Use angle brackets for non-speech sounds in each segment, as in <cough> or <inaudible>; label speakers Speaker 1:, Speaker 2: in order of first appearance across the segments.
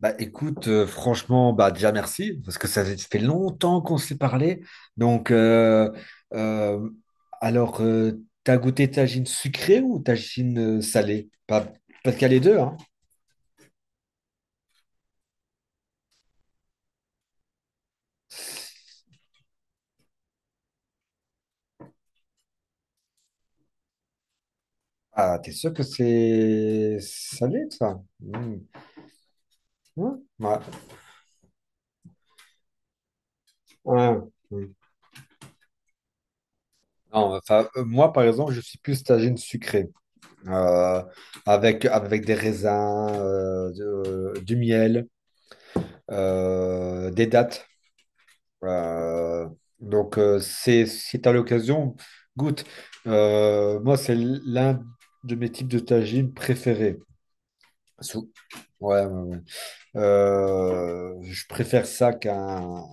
Speaker 1: Bah écoute, franchement, bah déjà merci, parce que ça fait longtemps qu'on s'est parlé. Donc, euh, alors, t'as goûté tagine sucrée ou tagine salée? Pas qu'il y a les deux, hein? Ah, t'es sûr que c'est salé, ça? Mm. Ouais. Ouais. Ouais. Mm. Non, enfin, moi, par exemple, je suis plus tagine sucrée, euh, avec des raisins, du miel, des dattes. Euh, donc, si tu as l'occasion, goûte. Moi, c'est l'un de mes types de tagine préférés. Sou- Ouais, ouais, ouais. Je préfère ça qu'un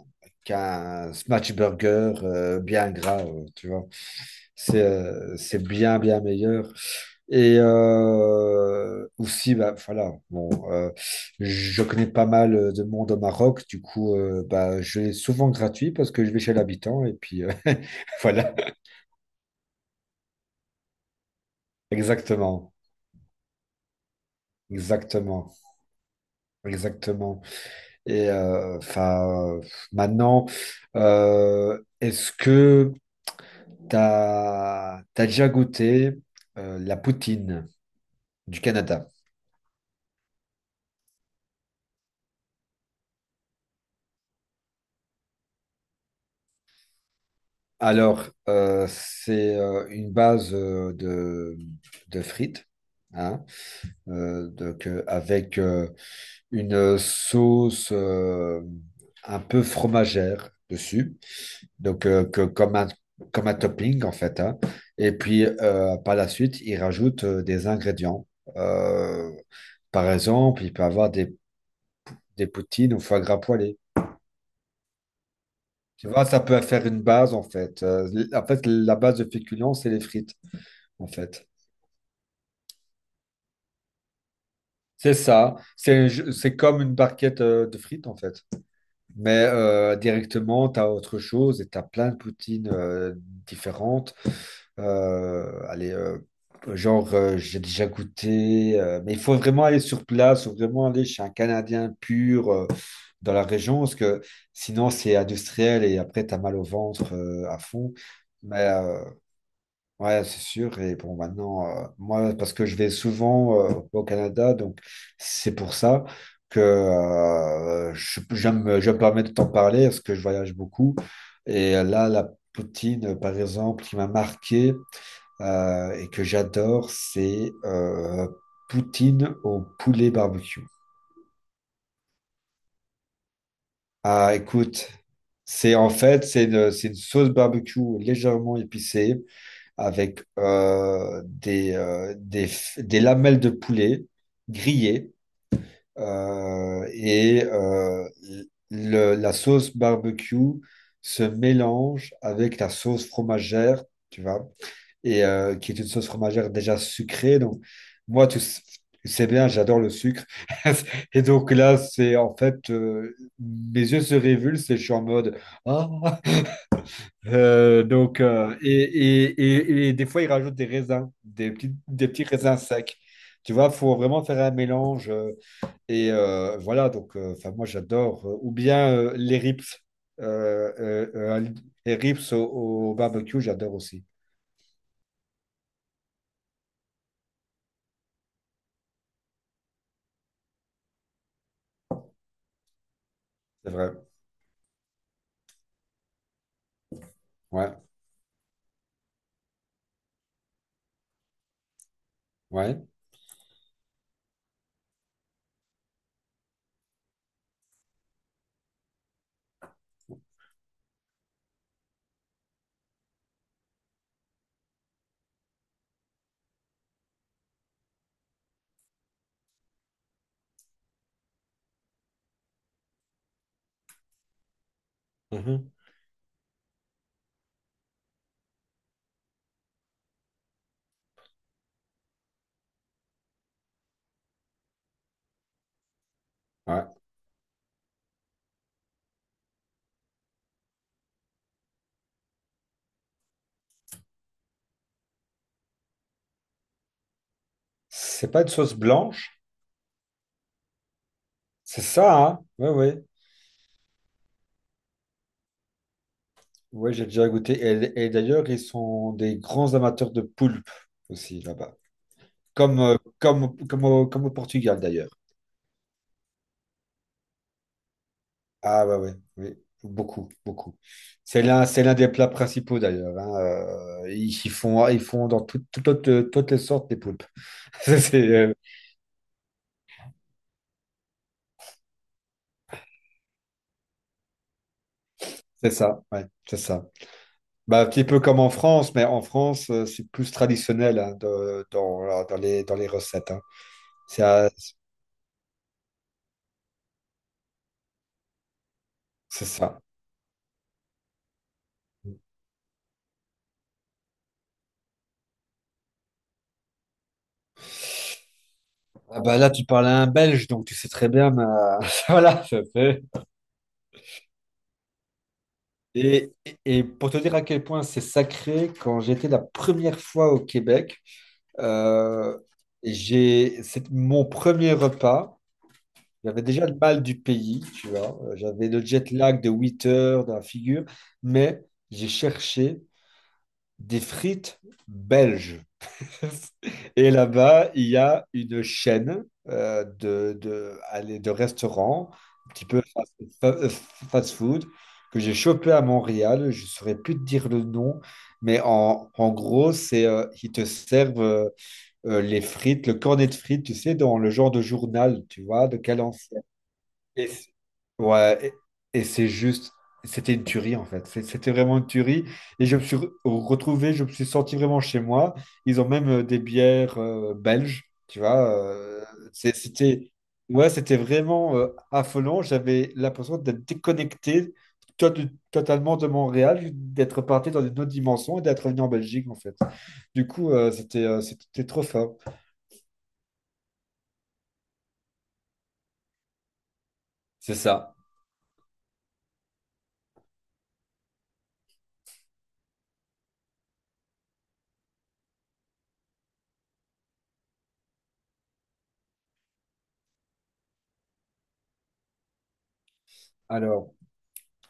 Speaker 1: qu'un smash burger bien gras, tu vois. C'est bien, bien meilleur. Et aussi, bah, voilà, bon, je connais pas mal de monde au Maroc, du coup, bah, je l'ai souvent gratuit parce que je vais chez l'habitant, et puis <laughs> voilà, exactement, exactement, exactement. Et enfin, maintenant, est-ce que t'as déjà goûté la poutine du Canada? Alors, c'est une base de frites, hein, donc, avec une sauce un peu fromagère dessus, donc comme un topping en fait, hein. Et puis, par la suite, il rajoute des ingrédients. Euh, Par exemple, il peut avoir des poutines ou foie gras poêlé. Tu vois, ça peut faire une base en fait. En fait, la base de féculents, c'est les frites en fait. C'est ça. C'est comme une barquette de frites, en fait. Mais directement, tu as autre chose et tu as plein de poutines différentes. Allez, genre, j'ai déjà goûté, mais il faut vraiment aller sur place, faut vraiment aller chez un Canadien pur dans la région, parce que sinon, c'est industriel et après, tu as mal au ventre à fond. Mais ouais, c'est sûr. Et bon, maintenant, moi, parce que je vais souvent au Canada, donc c'est pour ça que je me permets de t'en parler parce que je voyage beaucoup. Et là, la poutine, par exemple, qui m'a marqué et que j'adore, c'est poutine au poulet barbecue. Ah, écoute, c'est en fait, c'est une sauce barbecue légèrement épicée avec des lamelles de poulet grillées, euh, et euh, la sauce barbecue se mélange avec la sauce fromagère, tu vois, qui est une sauce fromagère déjà sucrée. Donc, moi, tu sais bien, j'adore le sucre. <laughs> Et donc là, mes yeux se révulsent et je suis en mode, ah, donc, et, et des fois, ils rajoutent des raisins, des petits raisins secs. Tu vois, il faut vraiment faire un mélange. Et voilà, donc, enfin, moi, j'adore. Ou bien les rips. Euh, euh, euh, les rips au barbecue, j'adore aussi. C'est vrai. Ouais, ouais. Mhm. Ouais. C'est pas une sauce blanche, c'est ça, hein? Ouais, ouais. Ouais, j'ai déjà goûté. Et d'ailleurs, ils sont des grands amateurs de poulpe aussi là-bas. Comme au Portugal d'ailleurs. Ah ouais, ouais, oui, beaucoup, beaucoup. C'est l'un des plats principaux d'ailleurs, hein. Ils font dans toutes les sortes des poulpes. <laughs> C'est euh, c'est ça, ouais, c'est ça. Bah, un petit peu comme en France, mais en France, c'est plus traditionnel, hein, dans, voilà, dans les recettes, hein. C'est euh, c'est ça. Ah bah là, tu parles à un Belge, donc tu sais très bien, mais, <laughs> voilà, ça fait. Et, et pour te dire à quel point c'est sacré, quand j'étais la première fois au Québec, euh, c'est mon premier repas. J'avais déjà le mal du pays, tu vois. J'avais le jet lag de 8 heures dans la figure, mais j'ai cherché des frites belges. Et là-bas, il y a une chaîne allez, de restaurants, un petit peu fast food, que j'ai chopé à Montréal. Je ne saurais plus te dire le nom, mais en gros, ils te servent les frites, le cornet de frites, tu sais, dans le genre de journal, tu vois, de cadence. Et c- ouais, et c'était une tuerie en fait. C'était vraiment une tuerie. Et je me suis retrouvé, je me suis senti vraiment chez moi. Ils ont même des bières belges, tu vois. C'est- c'était, ouais, c'était vraiment affolant. J'avais l'impression d'être déconnecté to- totalement de Montréal, d'être parti dans une autre dimension et d'être revenu en Belgique en fait. Du coup, c'était trop fort. C'est ça. Alors.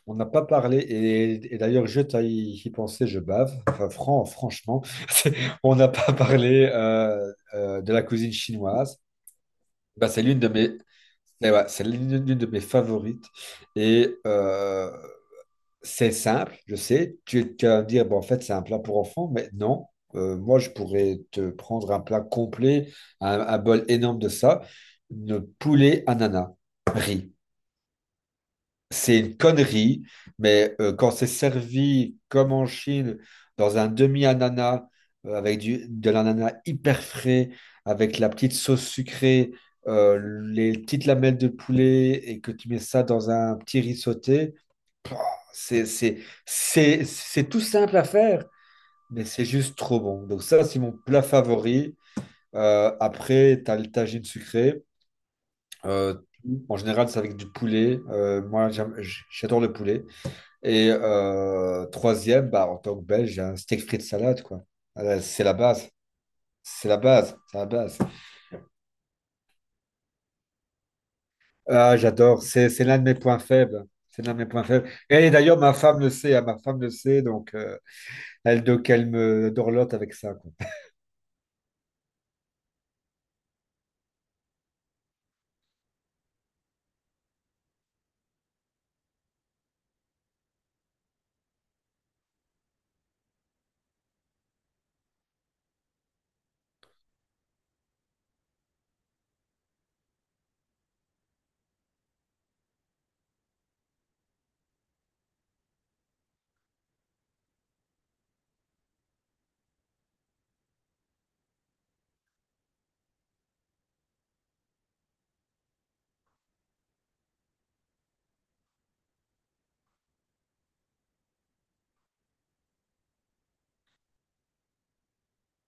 Speaker 1: On n'a pas parlé, et d'ailleurs, je t'ai y pensé, je bave. Enfin, franchement, <laughs> c'est- on n'a pas parlé de la cuisine chinoise. Bah, c'est l'une de mes, eh ouais, c'est l'une de mes favorites. Et c'est simple, je sais. Tu vas me dire, bon, en fait, c'est un plat pour enfants, mais non. Moi, je pourrais te prendre un plat complet, un bol énorme de ça, de poulet ananas, riz. C'est une connerie, mais quand c'est servi comme en Chine, dans un demi-ananas, avec de l'ananas hyper frais, avec la petite sauce sucrée, euh, les petites lamelles de poulet, et que tu mets ça dans un petit riz sauté, pouah, c'est, c'est, c'est tout simple à faire, mais c'est juste trop bon. Donc ça, c'est mon plat favori. Après, tu as le tagine sucré. Euh, En général, c'est avec du poulet. Moi, j'adore le poulet. Et troisième, bah, en tant que Belge, un steak frites salade, quoi. C'est la base. C'est la base. C'est la base. Ah, j'adore. C'est l'un de mes points faibles. C'est l'un de mes points faibles. Et d'ailleurs, ma femme le sait, hein. Ma femme le sait. Donc, elle me dorlote avec ça, quoi.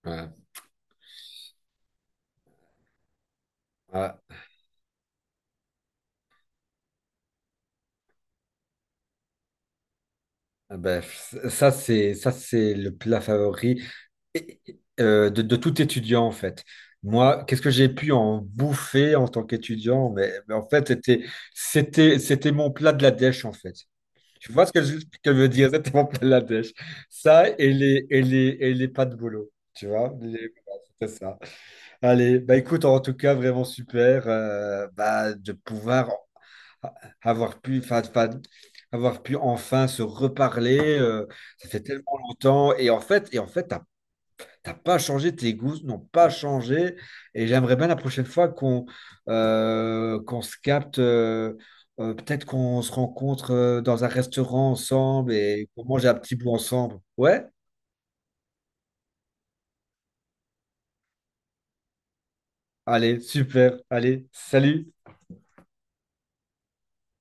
Speaker 1: Ouais. Ouais. Ah ben, ça, c'est le plat favori et de tout étudiant, en fait. Moi, qu'est-ce que j'ai pu en bouffer en tant qu'étudiant? Mais en fait, c'était mon plat de la dèche, en fait. Tu vois ce que je veux dire? C'était mon plat de la dèche. Ça et les pas de boulot, tu vois? Voilà, c'était ça. Allez, bah écoute, en tout cas, vraiment super bah, de pouvoir avoir pu, avoir pu enfin se reparler. Ça fait tellement longtemps. Et en fait, t'as pas changé, tes goûts n'ont pas changé. Et j'aimerais bien la prochaine fois qu'on se capte, peut-être qu'on se rencontre dans un restaurant ensemble et qu'on mange un petit bout ensemble. Ouais? Allez, super. Allez, salut.